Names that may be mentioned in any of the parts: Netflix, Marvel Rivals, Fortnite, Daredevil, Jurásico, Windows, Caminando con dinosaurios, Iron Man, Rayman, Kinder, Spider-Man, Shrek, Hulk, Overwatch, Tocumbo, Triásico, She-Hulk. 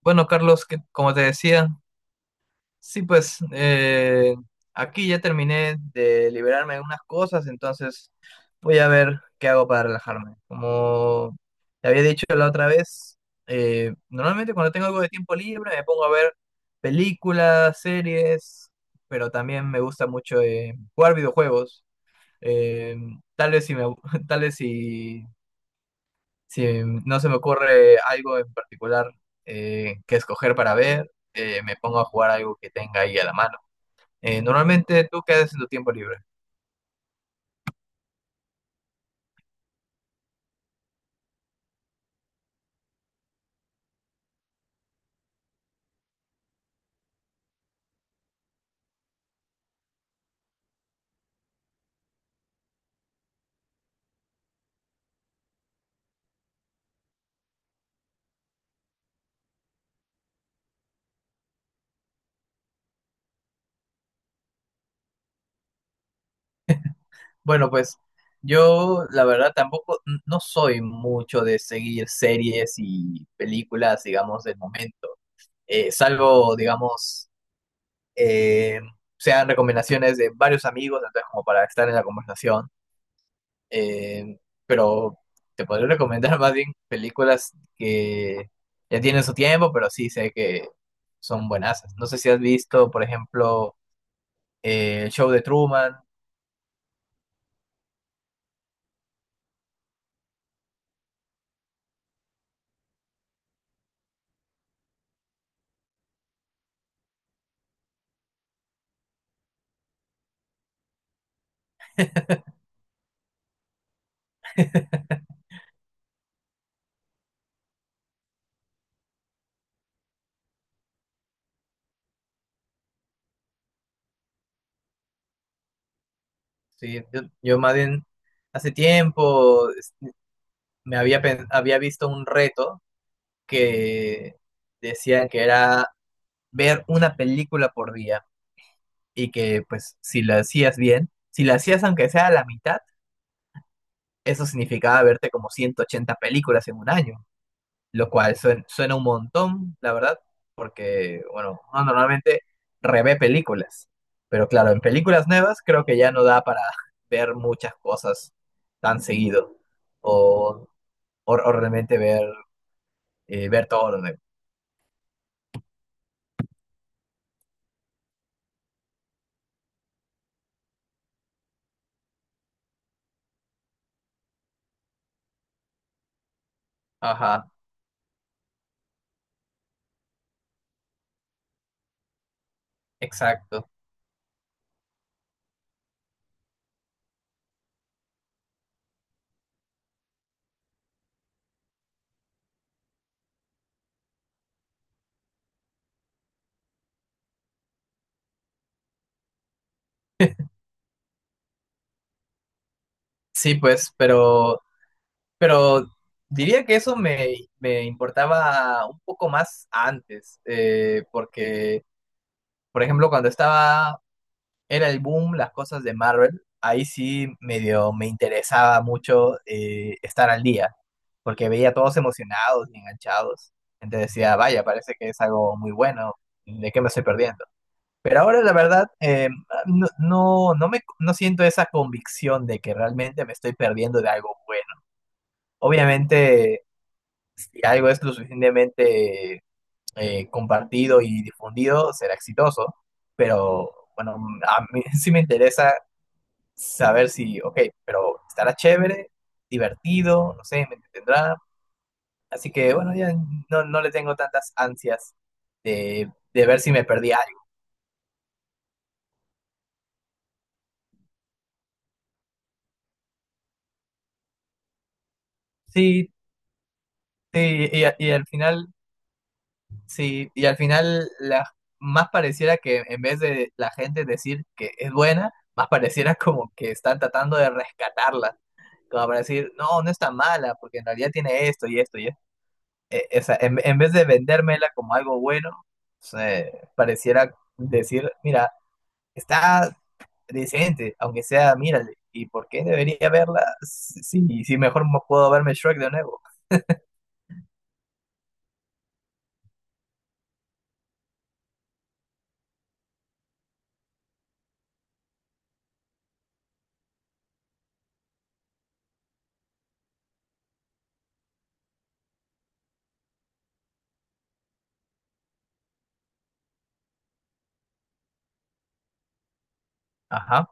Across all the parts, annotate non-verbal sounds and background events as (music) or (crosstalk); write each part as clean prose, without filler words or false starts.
Bueno, Carlos, como te decía, sí, pues aquí ya terminé de liberarme de unas cosas, entonces voy a ver qué hago para relajarme. Como te había dicho la otra vez, normalmente cuando tengo algo de tiempo libre me pongo a ver películas, series, pero también me gusta mucho jugar videojuegos. Eh, tal vez si me, abu- (laughs) Tal vez si, no se me ocurre algo en particular que escoger para ver, me pongo a jugar algo que tenga ahí a la mano. Normalmente, ¿tú qué haces en tu tiempo libre? Bueno, pues yo la verdad tampoco, no soy mucho de seguir series y películas, digamos, del momento. Salvo, digamos, eh, sean recomendaciones de varios amigos, entonces como para estar en la conversación. eh, pero te podría recomendar más bien películas que ya tienen su tiempo, pero sí sé que son buenas. No sé si has visto, por ejemplo, el show de Truman. (laughs) Sí, yo más bien hace tiempo había visto un reto que decían que era ver una película por día y que pues si la hacías bien, si la hacías aunque sea a la mitad, eso significaba verte como 180 películas en un año. Lo cual suena un montón, la verdad, porque, bueno, uno normalmente revé películas, pero claro, en películas nuevas creo que ya no da para (laughs) ver muchas cosas tan seguido, o, o realmente ver todo lo nuevo. Ajá, exacto. Sí, pues, pero diría que eso me importaba un poco más antes, porque, por ejemplo, cuando estaba era el boom, las cosas de Marvel, ahí sí medio me interesaba mucho estar al día, porque veía a todos emocionados y enganchados. Entonces decía, vaya, parece que es algo muy bueno, ¿de qué me estoy perdiendo? Pero ahora la verdad, no, no, no siento esa convicción de que realmente me estoy perdiendo de algo bueno. Obviamente, si algo es lo suficientemente compartido y difundido, será exitoso, pero bueno, a mí (laughs) sí me interesa saber si, ok, pero estará chévere, divertido, no sé, me entretendrá. Así que bueno, ya no le tengo tantas ansias de ver si me perdí algo. Sí, sí, y al final, sí, más pareciera que en vez de la gente decir que es buena, más pareciera como que están tratando de rescatarla, como para decir, no, no está mala, porque en realidad tiene esto y esto y esto. O sea, en vez de vendérmela como algo bueno, pareciera decir, mira, está decente, aunque sea, mírale, ¿y por qué debería verla? Si mejor puedo verme Shrek de nuevo. Ajá.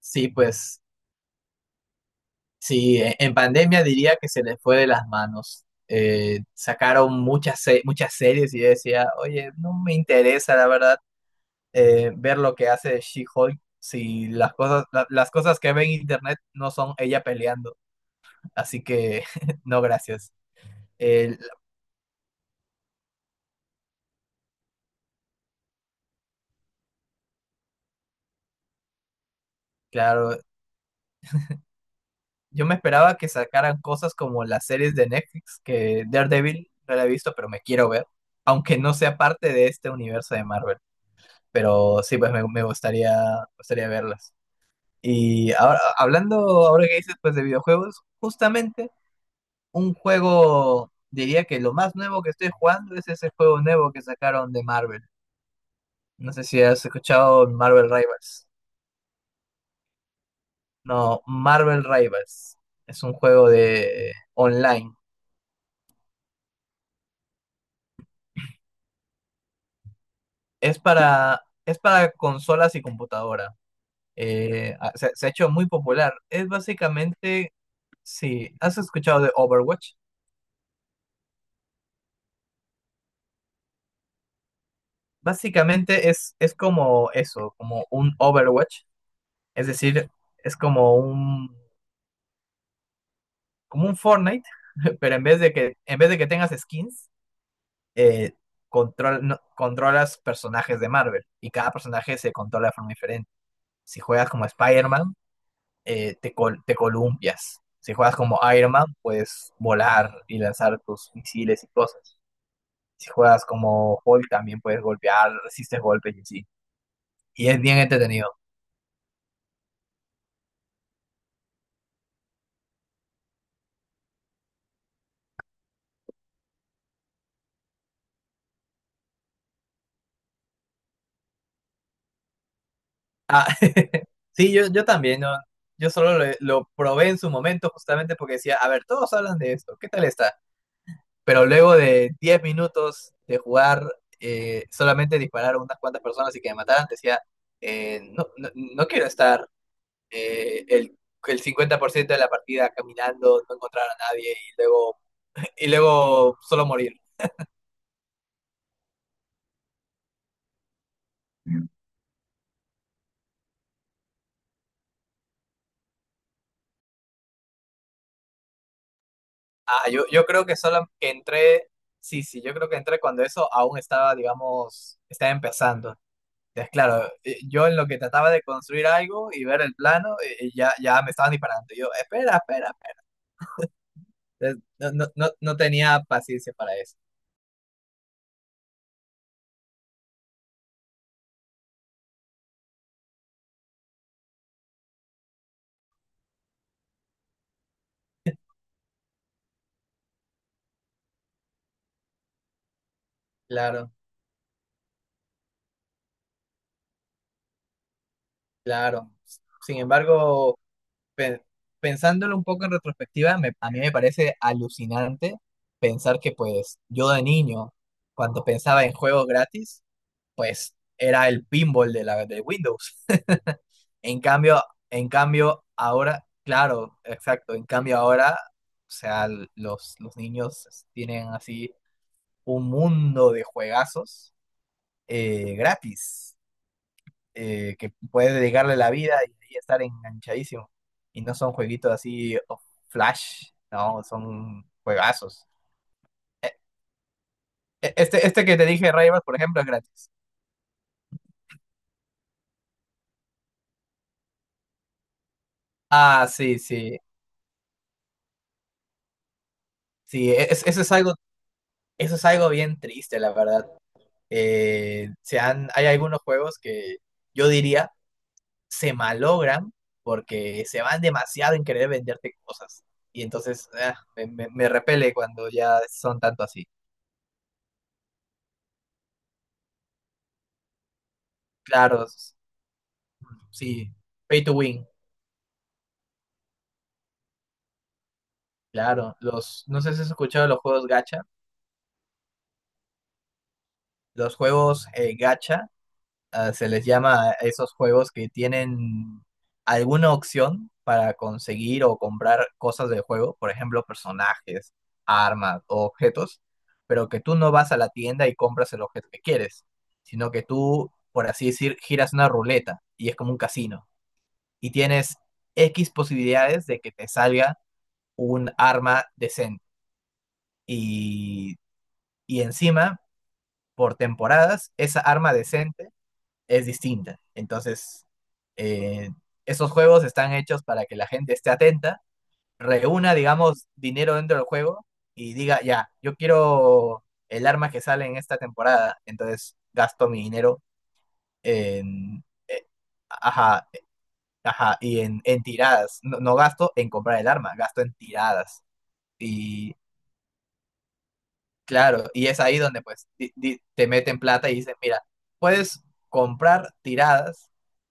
Sí, pues, sí, en pandemia diría que se les fue de las manos. Sacaron muchas series y yo decía, oye, no me interesa, la verdad, ver lo que hace She-Hulk si las cosas que ve en internet no son ella peleando. Así que (laughs) no, gracias. El- claro, yo me esperaba que sacaran cosas como las series de Netflix, que Daredevil no la he visto, pero me quiero ver, aunque no sea parte de este universo de Marvel. Pero sí, pues me gustaría verlas. Y ahora, hablando Ahora que dices pues de videojuegos, justamente un juego, diría que lo más nuevo que estoy jugando es ese juego nuevo que sacaron de Marvel. No sé si has escuchado Marvel Rivals. No, Marvel Rivals. Es un juego de online. Es para consolas y computadora. Se ha hecho muy popular. Es básicamente, si has escuchado de Overwatch, básicamente es como eso, como un Overwatch. Es decir, es como un Fortnite, (laughs) pero en vez de que tengas skins, eh, control, no- controlas personajes de Marvel y cada personaje se controla de forma diferente. Si juegas como Spider-Man, te columpias. Si juegas como Iron Man, puedes volar y lanzar tus misiles y cosas. Si juegas como Hulk, también puedes golpear, resistes golpes y así. Y es bien entretenido. Ah, (laughs) sí, yo también, ¿no? Yo solo lo probé en su momento justamente porque decía, a ver, todos hablan de esto, ¿qué tal está? Pero luego de 10 minutos de jugar, solamente disparar a unas cuantas personas y que me mataran, decía, no, no, no quiero estar eh, el, el 50% de la partida caminando, no encontrar a nadie y luego, solo morir. Ah, yo creo que solo que entré, sí, sí, yo creo que entré cuando eso aún estaba, digamos, estaba empezando. Entonces, claro, yo en lo que trataba de construir algo y ver el plano, ya me estaban disparando. Yo, espera, espera, espera. Entonces, no, no, no, no tenía paciencia para eso. Claro, claro. Sin embargo, pe- pensándolo un poco en retrospectiva, a mí me parece alucinante pensar que pues yo de niño, cuando pensaba en juegos gratis, pues era el pinball de la de Windows. En cambio, en cambio ahora, claro, exacto, en cambio ahora, o sea, los niños tienen así un mundo de juegazos gratis que puedes dedicarle la vida y estar enganchadísimo. Y no son jueguitos así oh, flash, no, son juegazos. E- este que te dije, Rayman, por ejemplo, es gratis. Ah, sí, sí, sí, eso es algo bien triste, la verdad. Hay algunos juegos que yo diría se malogran porque se van demasiado en querer venderte cosas. Y entonces me repele cuando ya son tanto así. Claro, sí, pay to win, claro. No sé si has escuchado los juegos gacha. Los juegos gacha se les llama a esos juegos que tienen alguna opción para conseguir o comprar cosas del juego, por ejemplo, personajes, armas o objetos, pero que tú no vas a la tienda y compras el objeto que quieres, sino que tú, por así decir, giras una ruleta y es como un casino y tienes X posibilidades de que te salga un arma decente y y encima, por temporadas, esa arma decente es distinta. Entonces, eh, esos juegos están hechos para que la gente esté atenta, reúna, digamos, dinero dentro del juego y diga, ya, yo quiero el arma que sale en esta temporada, entonces gasto mi dinero en... Ajá, ajá, y en tiradas. No, no gasto en comprar el arma, gasto en tiradas. Y claro, y es ahí donde pues te meten plata y dicen, mira, puedes comprar tiradas,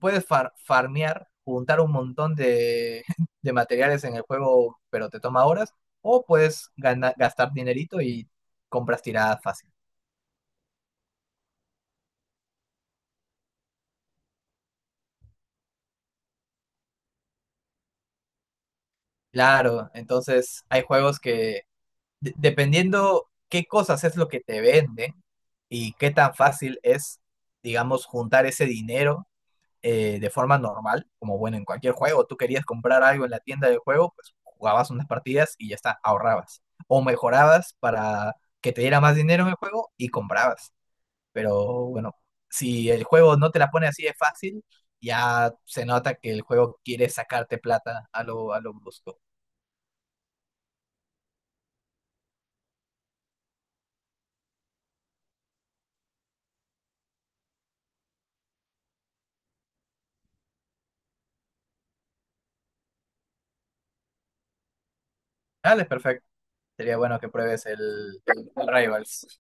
puedes farmear, juntar un montón (laughs) de materiales en el juego, pero te toma horas, o puedes gastar dinerito y compras tiradas fácil. Claro, entonces hay juegos que dependiendo qué cosas es lo que te venden y qué tan fácil es, digamos, juntar ese dinero de forma normal, como bueno, en cualquier juego, tú querías comprar algo en la tienda del juego, pues jugabas unas partidas y ya está, ahorrabas. O mejorabas para que te diera más dinero en el juego y comprabas. Pero bueno, si el juego no te la pone así de fácil, ya se nota que el juego quiere sacarte plata a lo brusco. Dale, perfecto. Sería bueno que pruebes el Rivals.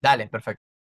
Dale, perfecto.